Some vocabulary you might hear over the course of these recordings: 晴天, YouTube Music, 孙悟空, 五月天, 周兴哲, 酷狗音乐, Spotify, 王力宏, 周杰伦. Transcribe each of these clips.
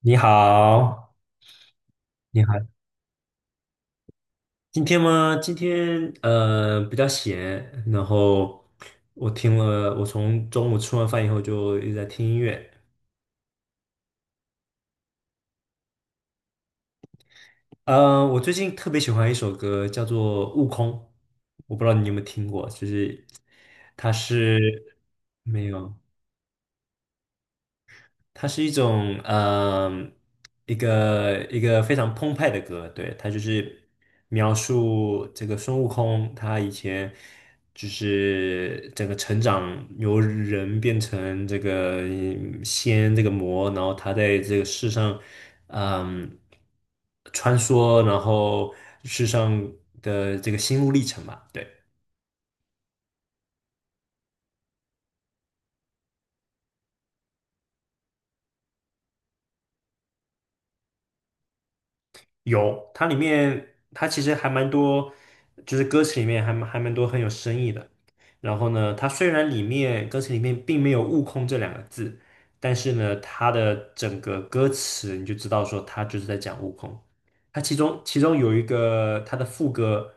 你好，你好，今天吗？今天比较闲，然后我听了，我从中午吃完饭以后就一直在听音乐。我最近特别喜欢一首歌，叫做《悟空》，我不知道你有没有听过，就是它是没有，它是一种一个非常澎湃的歌，对，它就是描述这个孙悟空他以前就是整个成长由人变成这个仙这个魔，然后他在这个世上嗯穿梭，然后世上的这个心路历程吧，对。有，它里面它其实还蛮多，就是歌词里面还蛮多很有深意的。然后呢，它虽然里面歌词里面并没有"悟空"这两个字，但是呢，它的整个歌词你就知道说它就是在讲悟空。它其中有一个它的副歌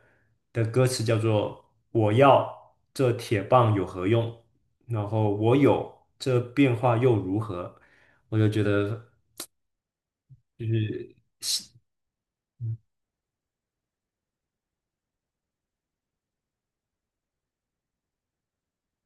的歌词叫做"我要这铁棒有何用"，然后我有这变化又如何？我就觉得。就是。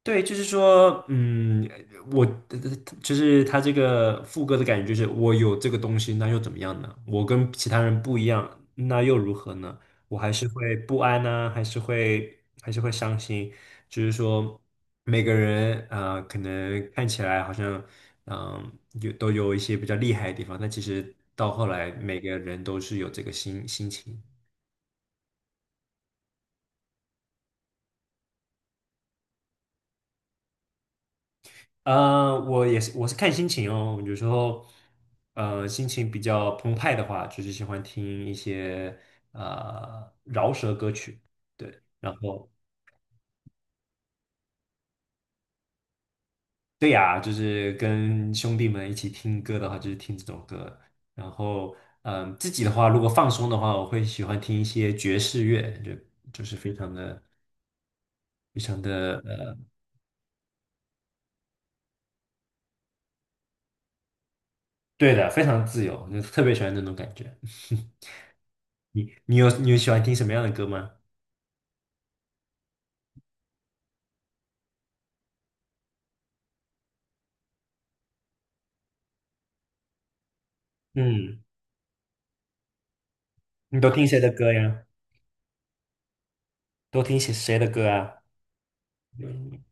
对，就是说，嗯，我呃就是他这个副歌的感觉，就是我有这个东西，那又怎么样呢？我跟其他人不一样，那又如何呢？我还是会不安呢、还是会伤心。就是说，每个人啊，可能看起来好像嗯、都有一些比较厉害的地方，但其实到后来，每个人都是有这个心情。我也是，我是看心情哦。有时候，心情比较澎湃的话，就是喜欢听一些饶舌歌曲。对，然后对呀，就是跟兄弟们一起听歌的话，就是听这种歌。然后，自己的话，如果放松的话，我会喜欢听一些爵士乐，就是非常的、非常的对的，非常自由，就特别喜欢那种感觉。你有喜欢听什么样的歌吗？嗯。你都听谁的歌呀？都听谁的歌啊？嗯，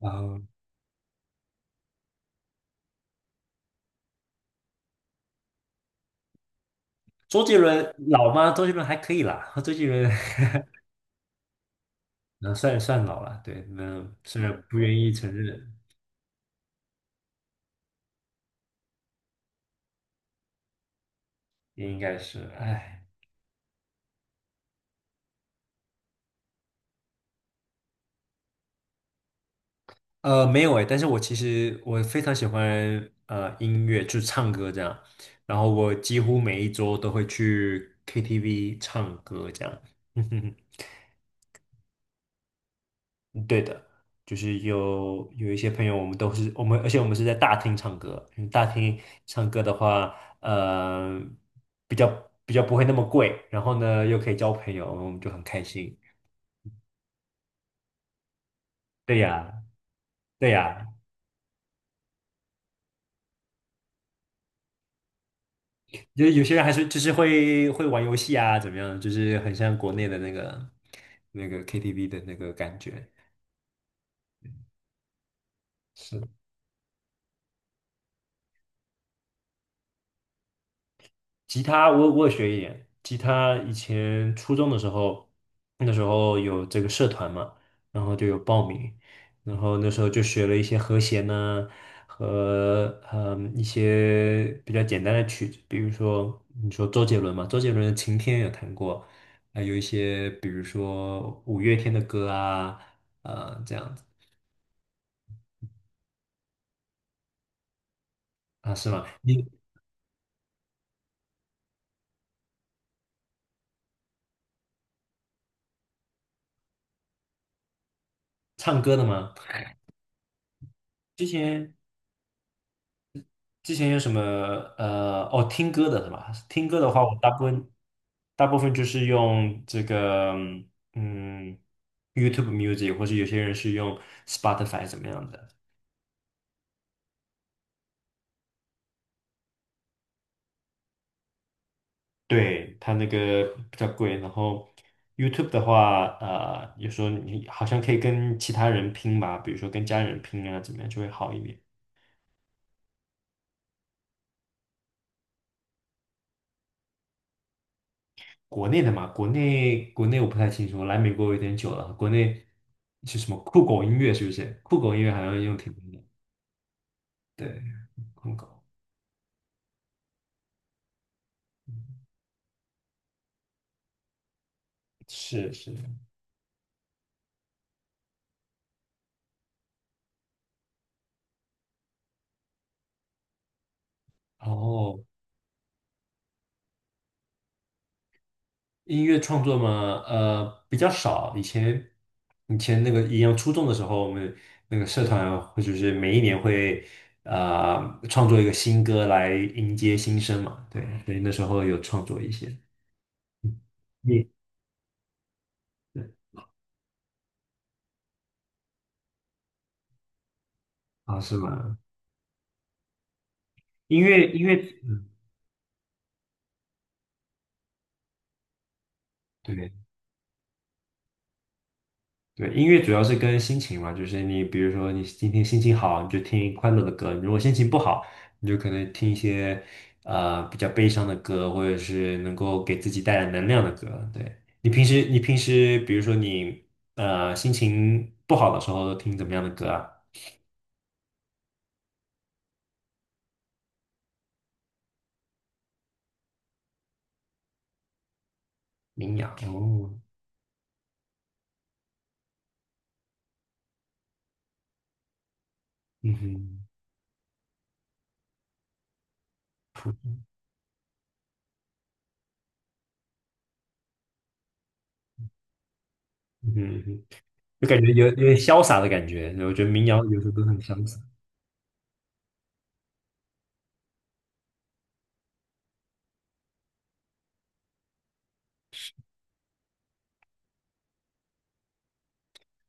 啊，周杰伦老吗？周杰伦还可以啦，周杰伦 那算老了，对，那虽然不愿意承认，也应该是，哎，没有哎，但是我其实我非常喜欢音乐，就是唱歌这样，然后我几乎每一周都会去 KTV 唱歌这样，嗯对的，就是有一些朋友，我们都是我们，而且我们是在大厅唱歌。因为大厅唱歌的话，呃，比较比较不会那么贵，然后呢又可以交朋友，我们就很开心。对呀，对呀，就是有些人还是就是会玩游戏啊，怎么样？就是很像国内的那个 KTV 的那个感觉。是。吉他我也学一点，吉他以前初中的时候，那时候有这个社团嘛，然后就有报名，然后那时候就学了一些和弦呢、和一些比较简单的曲子，比如说你说周杰伦嘛，周杰伦的《晴天》有弹过，还有一些比如说五月天的歌啊，这样子啊，是吗？你唱歌的吗？之前。之前有什么听歌的是吧？听歌的话，我大部分就是用这个嗯 YouTube Music，或者有些人是用 Spotify 怎么样的？对，它那个比较贵。然后 YouTube 的话，有时候你好像可以跟其他人拼吧，比如说跟家人拼啊，怎么样就会好一点。国内的嘛，国内我不太清楚，来美国有点久了，国内是什么酷狗音乐是不是？酷狗音乐好像用挺多的。对。很高，是是。然后音乐创作嘛，比较少。以前那个一样初中的时候，我们那个社团或者是每一年会创作一个新歌来迎接新生嘛，对，所以那时候有创作一些。嗯你啊，是吗？音乐音乐，嗯，对。对，音乐主要是跟心情嘛，就是你比如说你今天心情好，你就听快乐的歌；如果心情不好，你就可能听一些比较悲伤的歌，或者是能够给自己带来能量的歌。对，你平时比如说你心情不好的时候都听怎么样的歌啊？民谣哦，嗯哼，嗯哼，就感觉有有点潇洒的感觉，我觉得民谣有时候都很潇洒。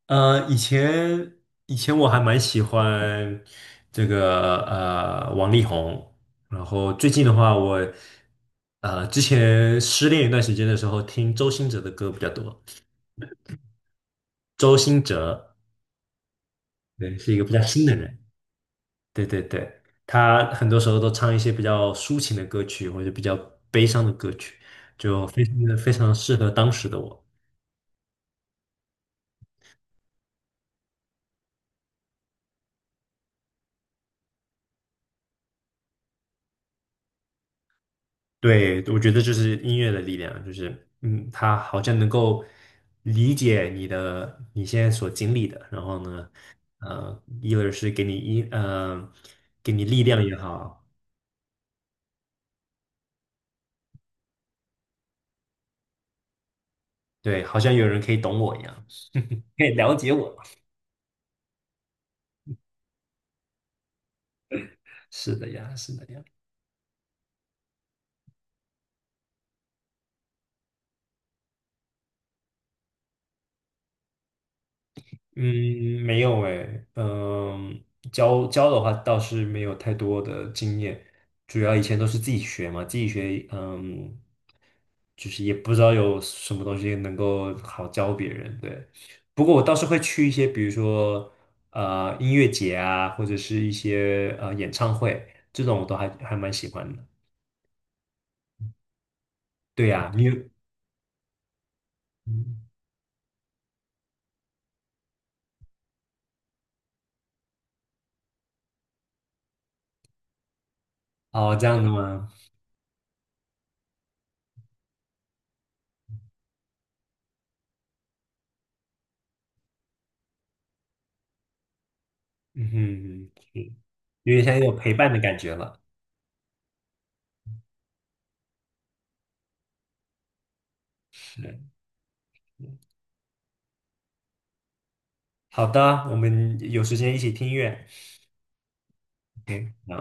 呃，以前以前我还蛮喜欢这个王力宏，然后最近的话我，之前失恋一段时间的时候，听周兴哲的歌比较多。对，是一个比较新的人。对对对，他很多时候都唱一些比较抒情的歌曲，或者比较悲伤的歌曲，就非常非常适合当时的我。对，我觉得就是音乐的力量，就是嗯，它好像能够理解你的你现在所经历的，然后呢，一个是给你给你力量也好，对，好像有人可以懂我一样，可以了解我，是的呀，是的呀。嗯，没有诶，嗯，教的话倒是没有太多的经验，主要以前都是自己学嘛，自己学，嗯，就是也不知道有什么东西能够好教别人，对。不过我倒是会去一些，比如说音乐节啊，或者是一些演唱会，这种我都还蛮喜欢的。对呀，你有，嗯哦，这样的吗？嗯哼，嗯是有点像有陪伴的感觉了。是。好的，我们有时间一起听音乐。OK